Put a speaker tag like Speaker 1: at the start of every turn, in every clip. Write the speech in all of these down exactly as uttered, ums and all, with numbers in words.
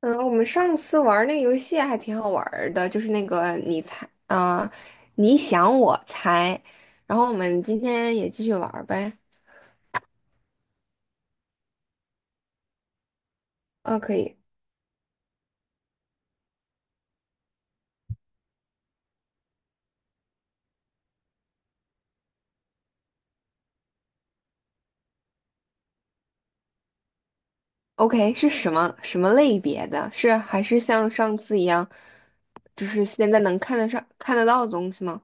Speaker 1: 嗯，我们上次玩那个游戏还挺好玩儿的，就是那个你猜，啊、你想我猜，然后我们今天也继续玩儿呗。啊，可以，OK，是什么什么类别的？是还是像上次一样，就是现在能看得上、看得到的东西吗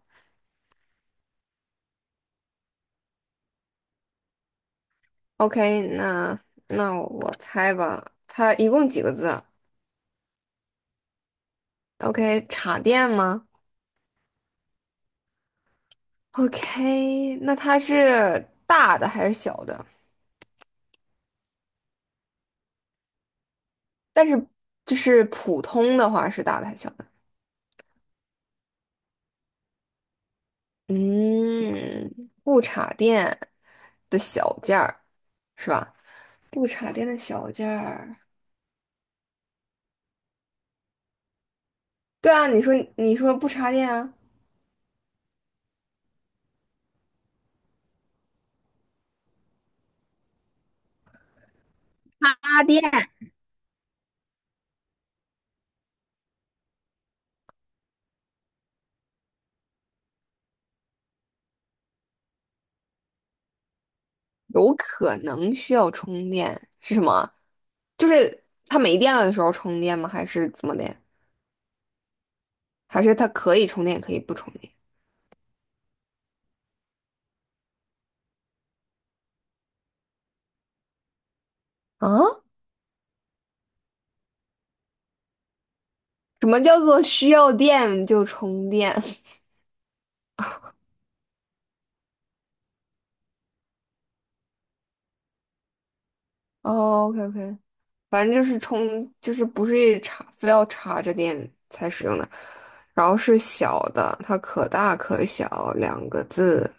Speaker 1: ？OK，那那我猜吧，它一共几个字？OK，插电吗？OK，那它是大的还是小的？但是就是普通的话是大的还是小的？嗯，不插电的小件儿是吧？不插电的小件儿，对啊，你说你说不插电啊，插电，有可能需要充电是什么？就是它没电了的时候充电吗？还是怎么的？还是它可以充电，也可以不充电啊？什么叫做需要电就充电？哦，OK，OK。反正就是充，就是不是插，非要插着电才使用的。然后是小的，它可大可小，两个字。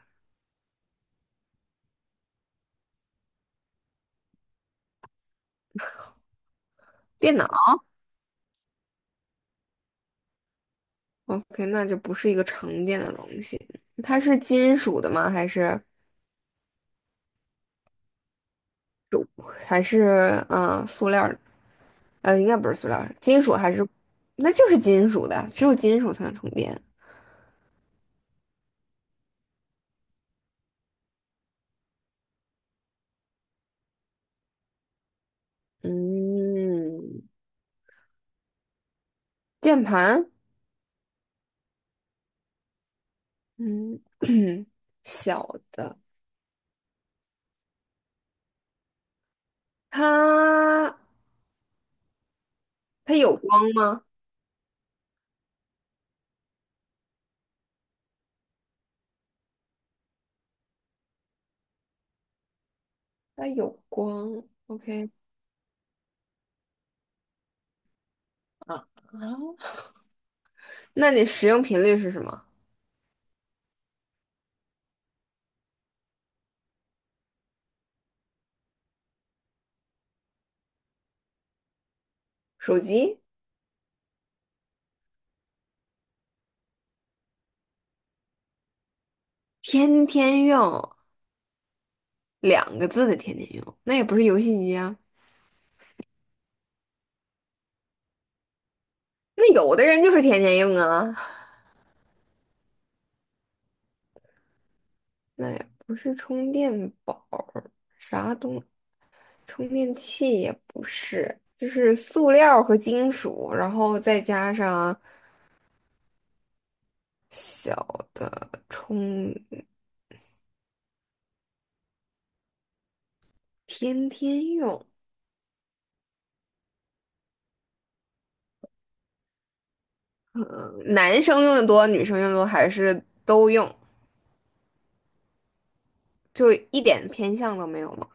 Speaker 1: 电脑，OK，那就不是一个常见的东西。它是金属的吗？还是还是嗯、呃塑料的？呃，应该不是塑料金属还是？那就是金属的，只有金属才能充电。嗯，键盘，嗯，小的，它它有光吗？它有光，OK 啊啊，那你使用频率是什么？手机天天用，两个字的天天用，那也不是游戏机啊。那有的人就是天天用啊，那也不是充电宝，啥东，充电器也不是，就是塑料和金属，然后再加上小的充，天天用。嗯，男生用的多，女生用的多，还是都用？就一点偏向都没有吗？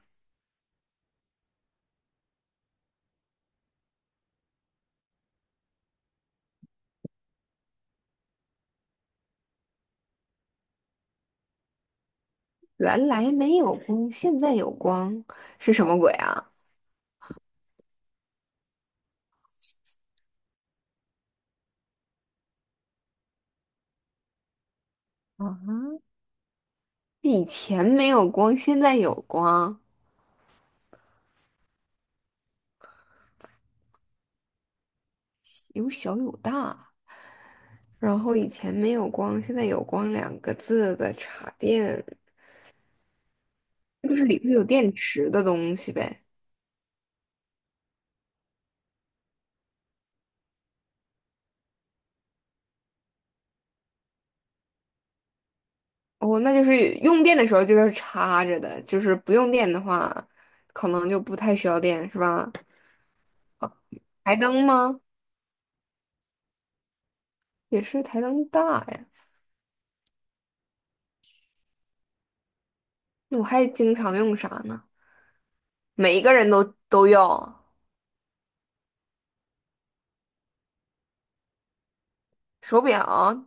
Speaker 1: 原来没有光，现在有光，是什么鬼啊？以前没有光，现在有光，有小有大，然后以前没有光，现在有光两个字的插电，就是里头有电池的东西呗。哦，那就是用电的时候就是插着的，就是不用电的话，可能就不太需要电，是吧？台灯吗？也是台灯大呀，那我还经常用啥呢？每一个人都都用。手表、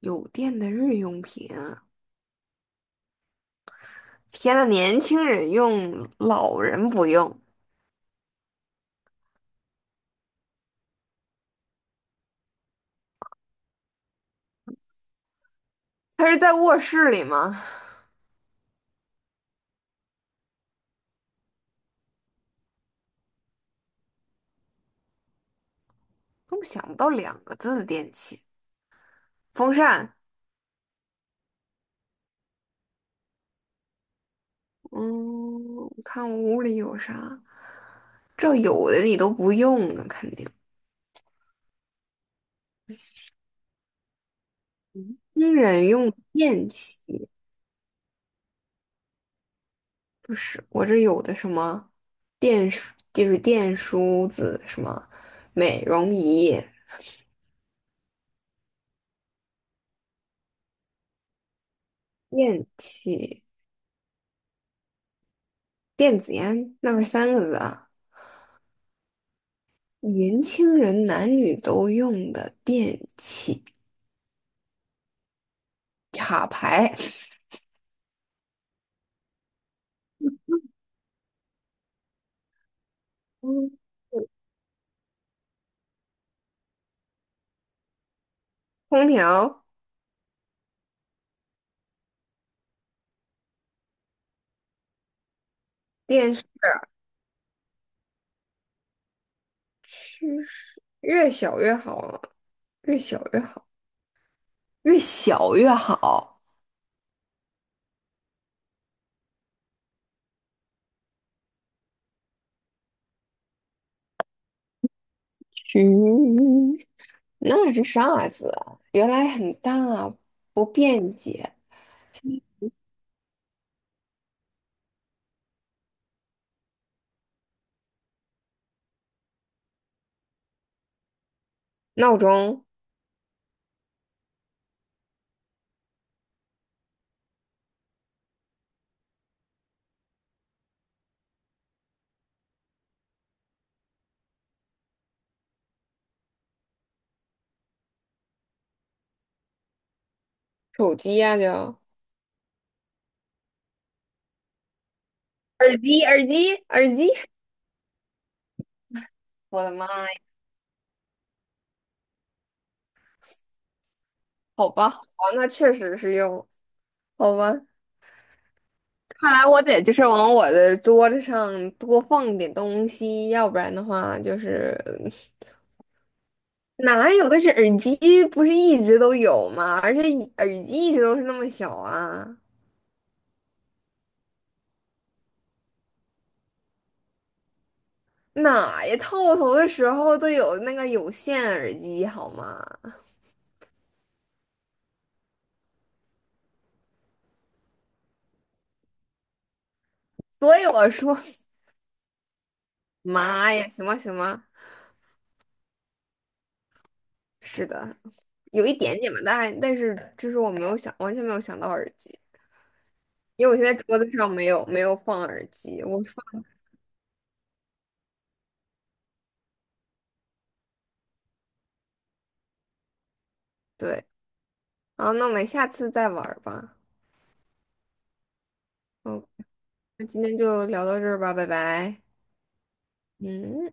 Speaker 1: 有电的日用品啊。天呐，年轻人用，老人不用。他是在卧室里吗？根本想不到两个字的电器。风扇，嗯，我看我屋里有啥。这有的你都不用啊，肯定。新人用电器不是，我这有的什么电梳，就是电梳子，什么美容仪、电器、电子烟，那不是三个字啊？年轻人男女都用的电器，插排，嗯空调、电视，趋势越小越好啊越小越好，越小越好。嗯，那是啥子啊原来很大啊，不便捷。闹钟、手机呀、就耳机、耳机、耳机。我的妈呀！好吧，好吧，那确实是用，好吧。看来我得就是往我的桌子上多放点东西，要不然的话就是哪有？但是耳机不是一直都有吗？而且一耳机一直都是那么小啊，哪呀？套头的时候都有那个有线耳机好吗？所以我说，妈呀，行吧行吧，是的，有一点点吧，但但是就是我没有想，完全没有想到耳机，因为我现在桌子上没有没有放耳机，我放。对。好，那我们下次再玩儿吧。嗯，那今天就聊到这儿吧，拜拜。嗯。